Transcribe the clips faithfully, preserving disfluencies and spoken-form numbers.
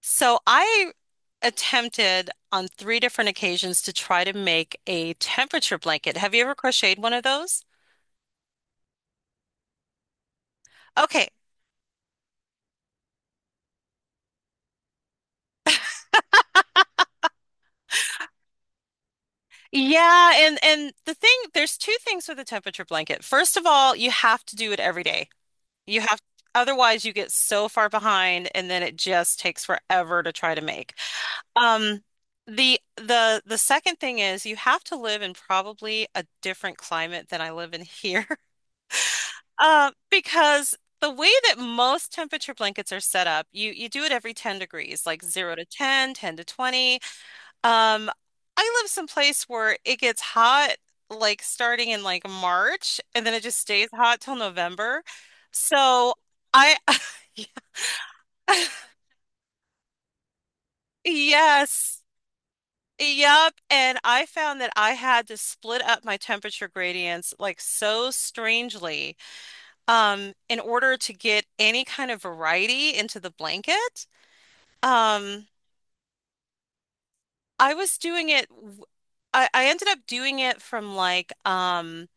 So I attempted on three different occasions to try to make a temperature blanket. Have you ever crocheted one of those? Okay. Yeah, and and the thing, there's two things with a temperature blanket. First of all, you have to do it every day. You have Otherwise you get so far behind and then it just takes forever to try to make. Um the the the second thing is you have to live in probably a different climate than I live in here. Uh, because the way that most temperature blankets are set up, you you do it every ten degrees, like zero to ten, ten to twenty. Um, I live someplace where it gets hot, like starting in like March, and then it just stays hot till November. So I Yes. Yep. And I found that I had to split up my temperature gradients like so strangely, um, in order to get any kind of variety into the blanket. Um, I was doing it, w- I, I ended up doing it from like, um,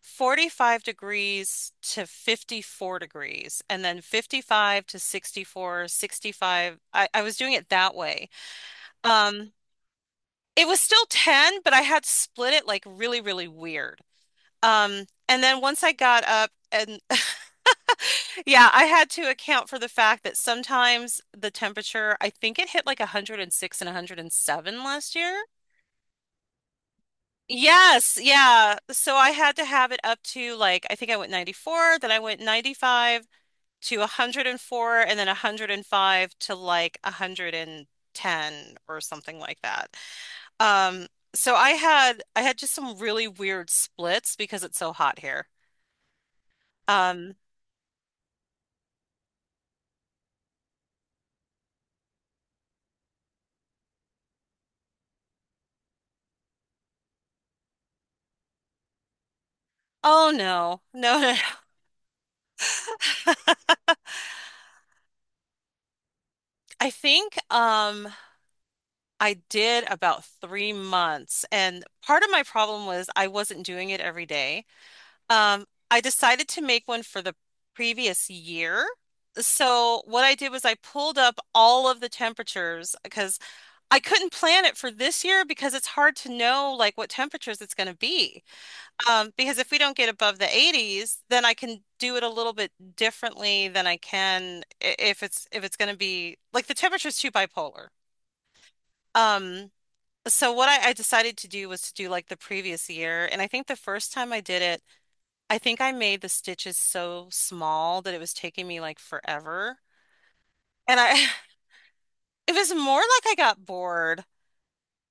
forty-five degrees to fifty-four degrees, and then fifty-five to sixty-four, sixty-five. I, I was doing it that way. Um, it was still ten, but I had split it like really, really weird. Um, and then once I got up and Yeah, I had to account for the fact that sometimes the temperature, I think it hit like one hundred six and one hundred seven last year. Yes, yeah. So I had to have it up to like, I think I went ninety-four, then I went ninety-five to one hundred four, and then one hundred five to like one hundred ten or something like that. Um, so I had I had just some really weird splits because it's so hot here. Um, oh no, no, no. No. No. I think, um I did about three months, and part of my problem was I wasn't doing it every day. Um, I decided to make one for the previous year. So what I did was I pulled up all of the temperatures, because I couldn't plan it for this year because it's hard to know like what temperatures it's going to be. Um, because if we don't get above the eighties, then I can do it a little bit differently than I can i- if it's if it's going to be like the temperature's too bipolar. Um, so what I, I decided to do was to do like the previous year, and I think the first time I did it, I think I made the stitches so small that it was taking me like forever. And I It was more like I got bored.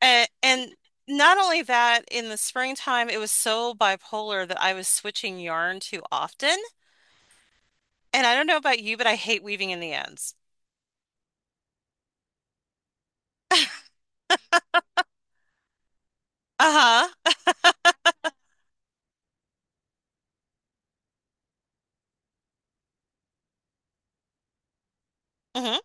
And and not only that, in the springtime it was so bipolar that I was switching yarn too often. And I don't know about you, but I hate weaving in the ends. Uh-huh. Hmm.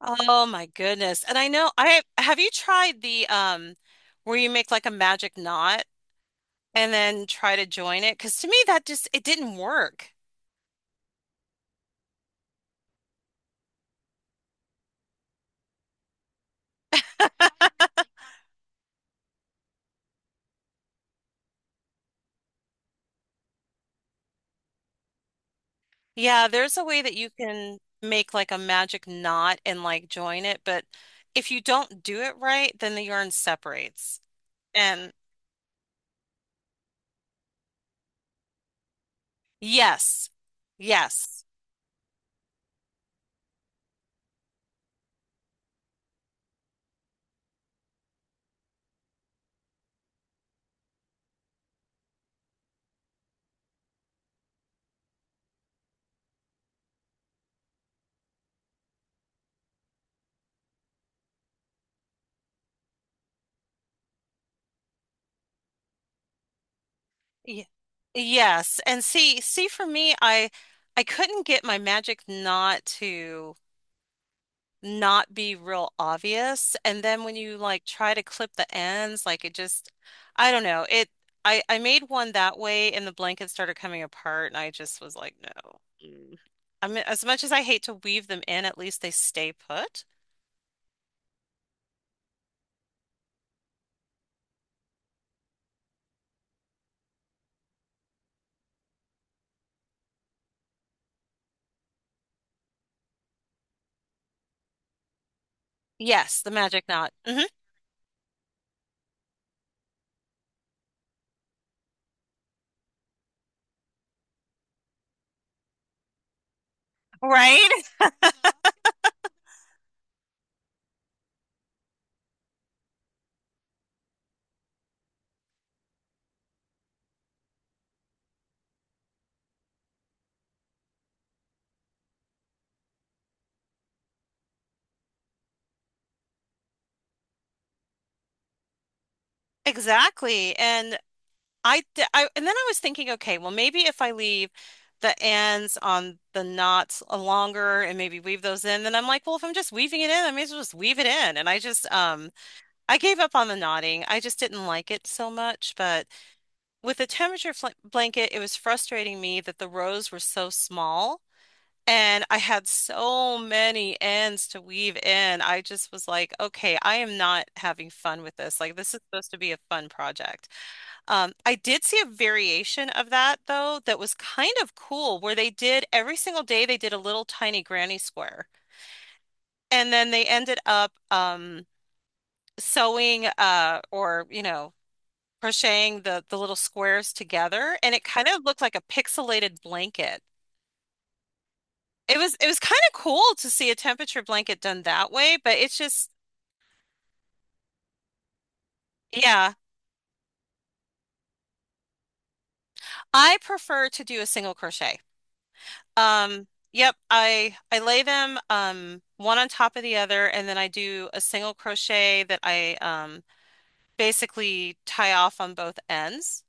Oh my goodness. And I know, I have you tried the, um where you make like a magic knot? And then try to join it. Because, to me, that just, it didn't work. Yeah, there's a way that you can make like a magic knot and like join it, but if you don't do it right, then the yarn separates. And yes, yes, y- yes. And see, see, for me, I I couldn't get my magic knot to not be real obvious. And then when you like try to clip the ends, like it just, I don't know. It, I, I made one that way and the blanket started coming apart and I just was like, no. Mm. I mean, as much as I hate to weave them in, at least they stay put. Yes, the magic knot. Hmm. Right? Exactly. And I th- I and then I was thinking, okay, well, maybe if I leave the ends on the knots a longer and maybe weave those in. Then I'm like, well, if I'm just weaving it in, I may as well just weave it in. And I just, um, I gave up on the knotting. I just didn't like it so much. But with the temperature fl blanket, it was frustrating me that the rows were so small and I had so many ends to weave in. I just was like, okay, I am not having fun with this. Like, this is supposed to be a fun project. Um, I did see a variation of that though that was kind of cool, where they did every single day they did a little tiny granny square, and then they ended up, um, sewing, uh, or you know crocheting the the little squares together, and it kind of looked like a pixelated blanket. It was it was kind of cool to see a temperature blanket done that way, but it's just. Yeah, I prefer to do a single crochet. Um, yep, I I lay them, um one on top of the other, and then I do a single crochet that I, um basically tie off on both ends.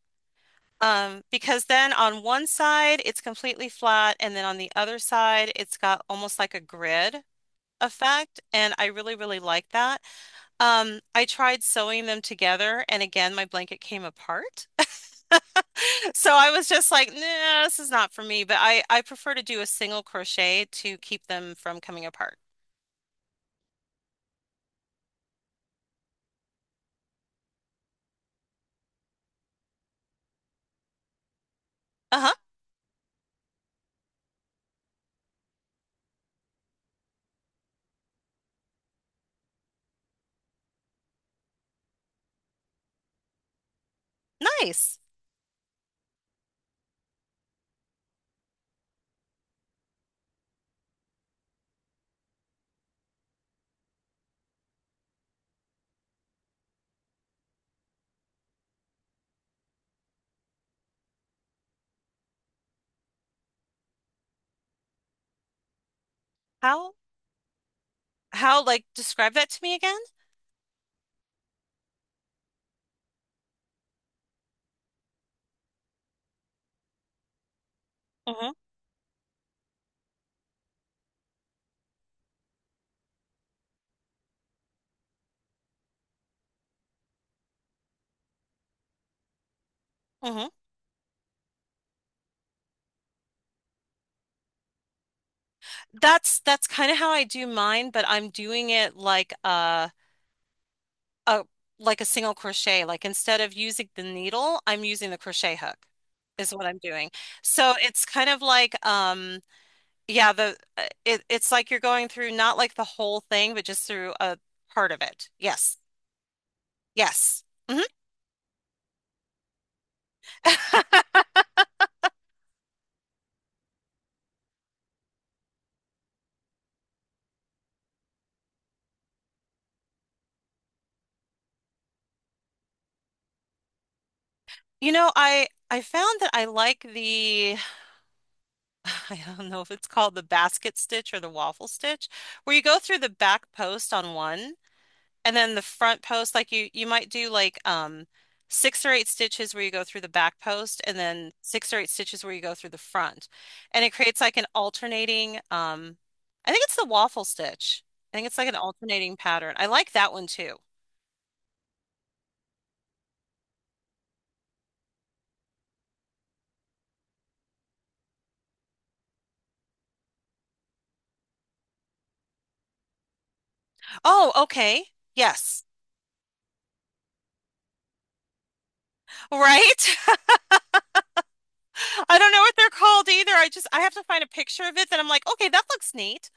Um, because then on one side it's completely flat, and then on the other side it's got almost like a grid effect, and I really really like that. Um, I tried sewing them together and again my blanket came apart. So I was just like, nah, this is not for me, but I I prefer to do a single crochet to keep them from coming apart. Uh-huh. Nice. How how like, describe that to me again? Mm-hmm. Mm-hmm. That's that's kind of how I do mine, but I'm doing it like a a like a single crochet. Like, instead of using the needle, I'm using the crochet hook is what I'm doing. So it's kind of like, um yeah, the, uh, it, it's like you're going through not like the whole thing, but just through a part of it. Yes. Yes. Hmm. You know, I I found that I like the I don't know if it's called the basket stitch or the waffle stitch, where you go through the back post on one and then the front post, like you you might do like, um six or eight stitches where you go through the back post and then six or eight stitches where you go through the front. And it creates like an alternating, um I think it's the waffle stitch. I think it's like an alternating pattern. I like that one too. Oh, okay. Yes. Right? I don't know what they're called either. I just I have to find a picture of it that I'm like, okay, that looks neat.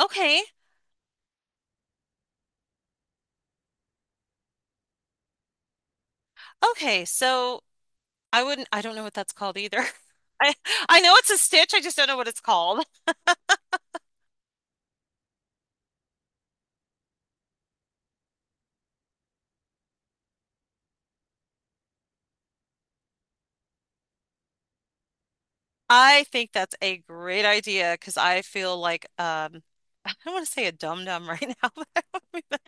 Okay. Okay. So I wouldn't I don't know what that's called either. I I know it's a stitch, I just don't know what it's called. I think that's a great idea because I feel like, um I don't want to say a dum dum right now, but I don't mean that.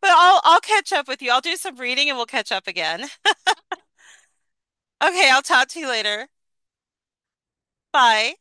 But I'll I'll catch up with you. I'll do some reading and we'll catch up again. Okay, I'll talk to you later. Bye.